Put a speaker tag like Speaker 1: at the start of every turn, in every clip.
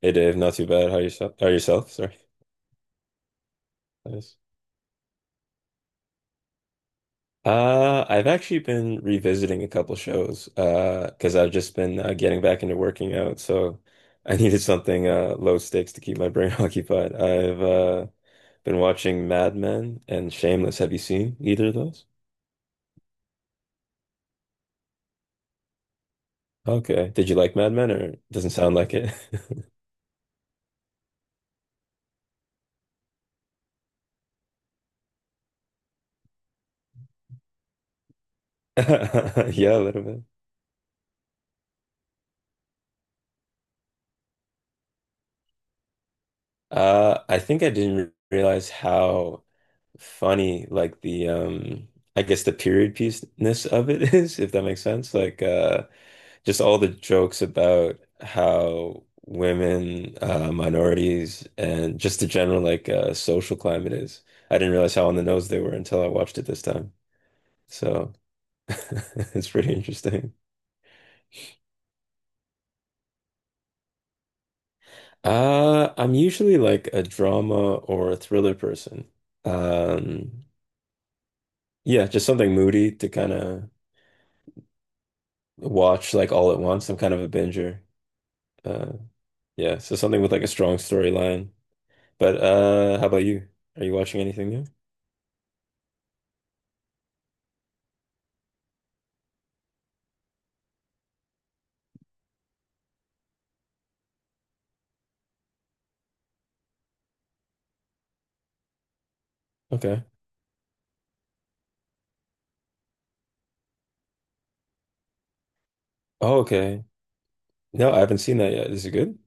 Speaker 1: Hey Dave, not too bad. How yourself? Sorry. Nice. I've actually been revisiting a couple shows because I've just been getting back into working out, so I needed something low stakes to keep my brain occupied. I've been watching Mad Men and Shameless. Have you seen either of those? Okay. Did you like Mad Men? Or doesn't sound like it? Yeah, a little bit. I think I didn't realize how funny like the, I guess, the period piece-ness of it is, if that makes sense. Like, just all the jokes about how women, minorities, and just the general like social climate is. I didn't realize how on the nose they were until I watched it this time. So it's pretty interesting. I'm usually like a drama or a thriller person. Um, yeah, just something moody to kind of watch like all at once. I'm kind of a binger. Uh, yeah, so something with like a strong storyline. But how about you? Are you watching anything new? Okay. Oh, okay. No, I haven't seen that yet. Is it good?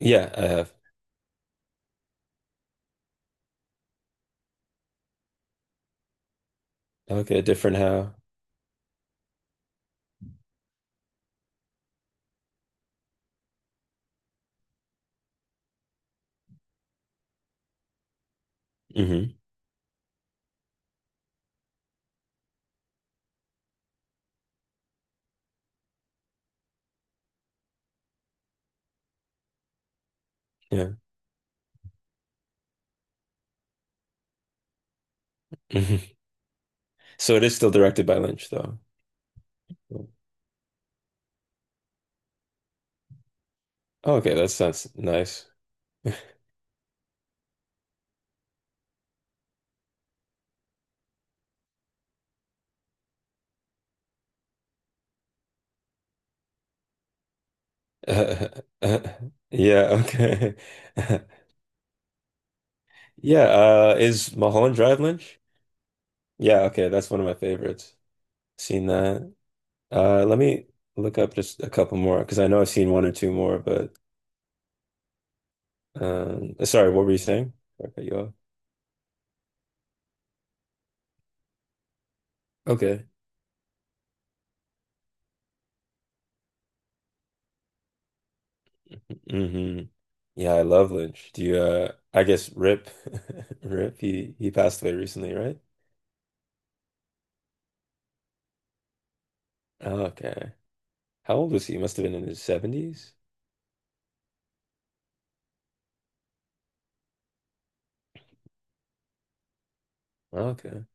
Speaker 1: Yeah, I have. Okay, different how? Hmm. Yeah. Hmm. So it is still directed by Lynch, though. Oh, okay, that sounds nice. Yeah, okay. Yeah, is Mulholland Drive Lynch? Yeah, okay, that's one of my favorites. Seen that. Let me look up just a couple more because I know I've seen one or two more, but. Sorry, what were you saying? I cut you off? Okay. Hmm. Yeah, I love Lynch. Do you I guess, Rip Rip, he passed away recently, right? Okay. How old was he? He must have been in his 70s. Okay.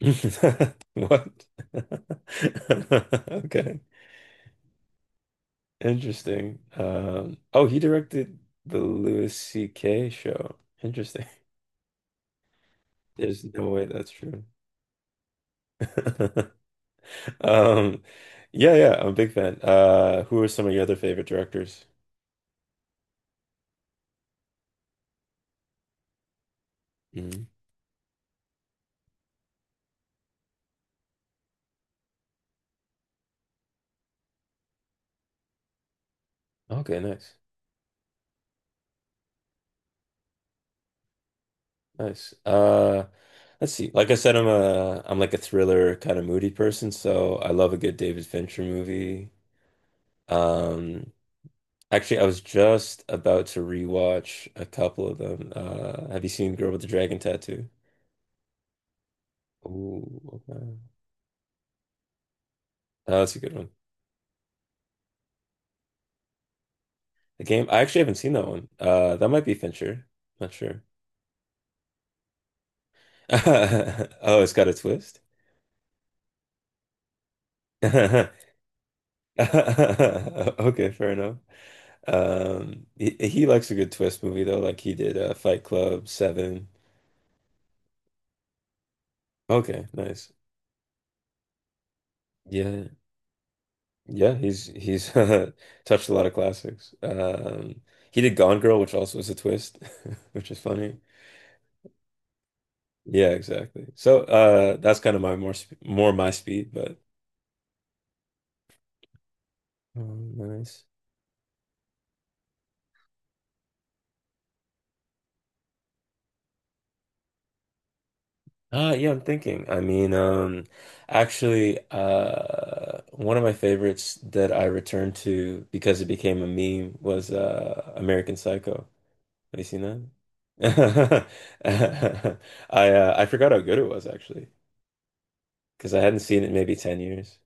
Speaker 1: What? Okay. Interesting. Oh, he directed the Louis C.K. show. Interesting. There's no way that's true. Um, yeah, yeah, I'm a big fan. Who are some of your other favorite directors? Hmm. Okay, nice, nice. Let's see. Like I said, I'm like a thriller kind of moody person, so I love a good David Fincher movie. Um, actually, I was just about to rewatch a couple of them. Have you seen Girl with the Dragon Tattoo? Oh, okay. Oh, that's a good one. The Game, I actually haven't seen that one. That might be Fincher. Not sure. Oh, it's got a twist. Okay, fair enough. He likes a good twist movie though, like he did Fight Club, Seven. Okay, nice. Yeah, yeah, he's touched a lot of classics. He did Gone Girl, which also is a twist, which is funny. Yeah, exactly. So that's kind of my more my speed, but nice. Yeah, I'm thinking. I mean, actually, one of my favorites that I returned to because it became a meme was American Psycho. Have you seen that? I forgot how good it was actually, because I hadn't seen it in maybe 10 years.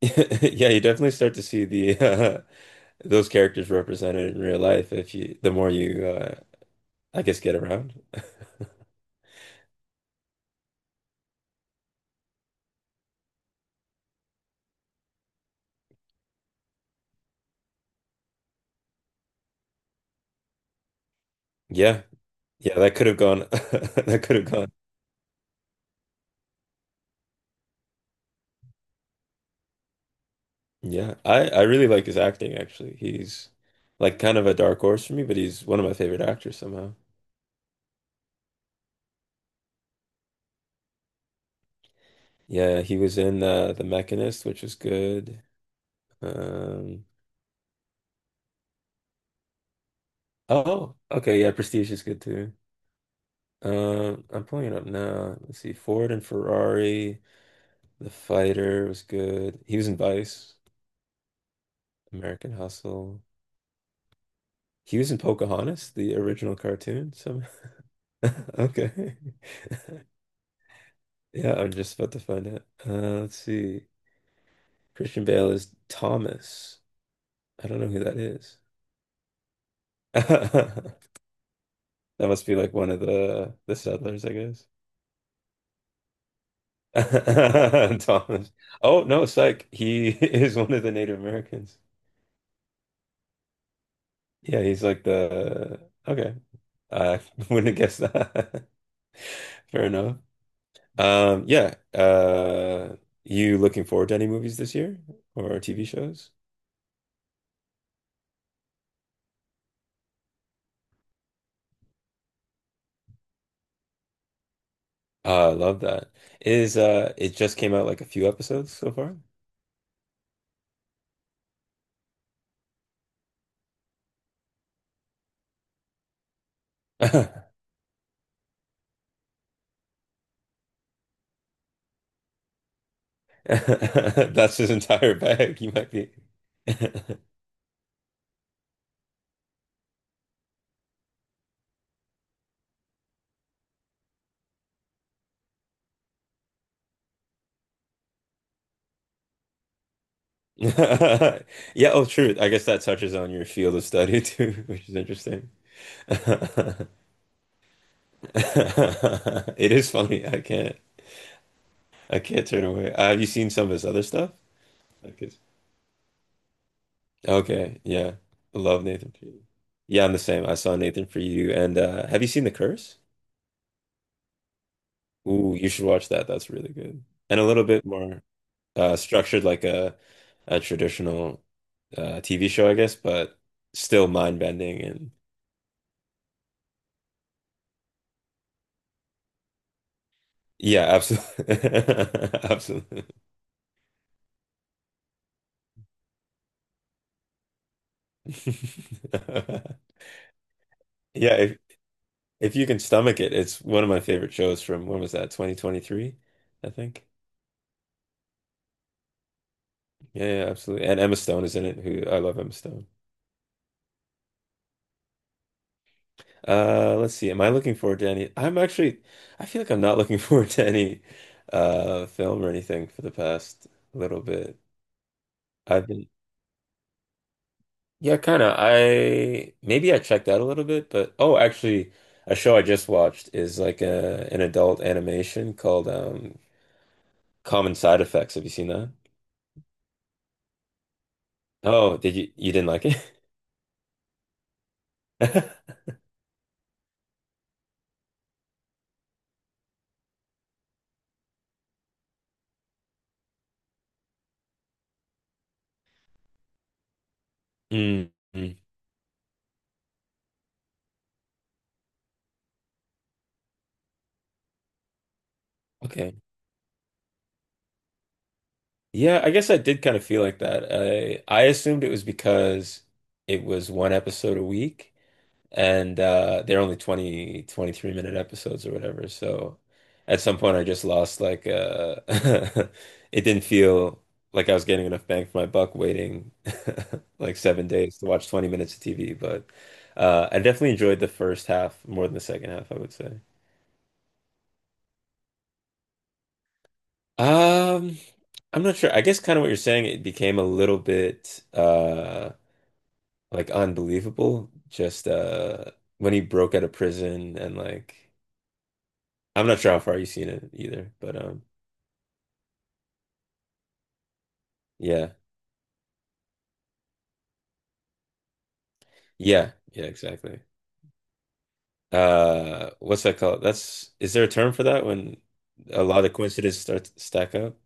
Speaker 1: Yeah, you definitely start to see the those characters represented in real life if you the more you I guess, get around. Yeah. Yeah, that could have gone that could have gone. Yeah, I really like his acting actually. He's like kind of a dark horse for me, but he's one of my favorite actors somehow. Yeah, he was in The Mechanist, which was good. Um, oh, okay, yeah, Prestige is good too. Um, I'm pulling it up now. Let's see. Ford and Ferrari, The Fighter was good. He was in Vice, American Hustle. He was in Pocahontas, the original cartoon. So okay. Yeah, I'm just about to find out. Let's see. Christian Bale is Thomas. I don't know who that is. That must be like one of the settlers, I guess. Thomas. Oh no, psych. He is one of the Native Americans. Yeah, he's like the okay. I wouldn't have guessed that. Fair enough. Yeah. You looking forward to any movies this year or TV shows? I love that. Is it just came out like a few episodes so far? That's his entire bag. You might be. Yeah, oh, true. I guess that touches on your field of study too, which is interesting. It is funny. I can't. I can't turn away. Have you seen some of his other stuff? Like his- Okay. Yeah. Love Nathan Freed. Yeah, I'm the same. I saw Nathan Freed and have you seen The Curse? Ooh, you should watch that. That's really good. And a little bit more. Uh, structured like a traditional TV show, I guess, but still mind bending and yeah, absolutely, absolutely. Yeah, if you can stomach it, it's one of my favorite shows from when was that? 2023, I think. Yeah, yeah, absolutely. And Emma Stone is in it, who I love Emma Stone. Let's see. Am I looking forward to any? I'm actually, I feel like I'm not looking forward to any film or anything for the past little bit. I've been yeah, kind of. I maybe I checked out a little bit, but oh, actually, a show I just watched is like a an adult animation called Common Side Effects. Have you seen that? Oh, did you you didn't like it? Mm, mm. Okay. Yeah, I guess I did kind of feel like that. I assumed it was because it was one episode a week. And they're only 23-minute episodes or whatever, so at some point I just lost like it didn't feel like I was getting enough bang for my buck, waiting like 7 days to watch 20 minutes of TV. But I definitely enjoyed the first half more than the second half, I would say. Um, I'm not sure. I guess kind of what you're saying, it became a little bit like unbelievable, just when he broke out of prison and like, I'm not sure how far you've seen it either, but yeah, yeah, yeah, exactly. What's that called? That's is there a term for that when a lot of coincidences start to stack up?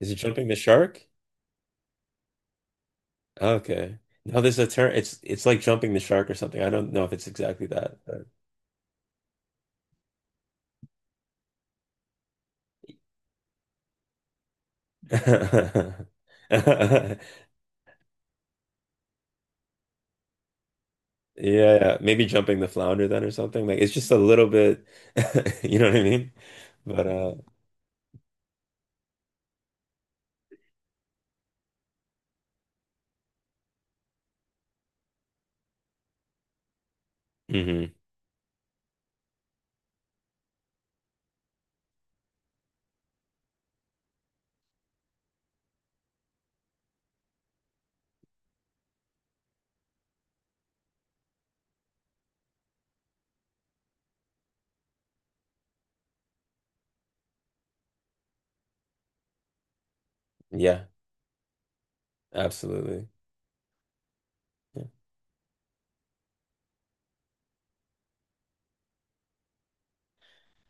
Speaker 1: Is it jumping the shark? Okay. No, there's a term. It's like jumping the shark or something. I don't know if it's exactly that, but yeah, maybe jumping the flounder then or something. Like it's just a little bit, you know what I mean? But mhm. Yeah, absolutely.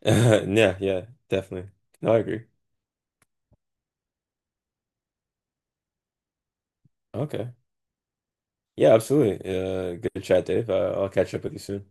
Speaker 1: Yeah, yeah, definitely. No, I agree. Okay. Yeah, absolutely. Good chat, Dave. I'll catch up with you soon.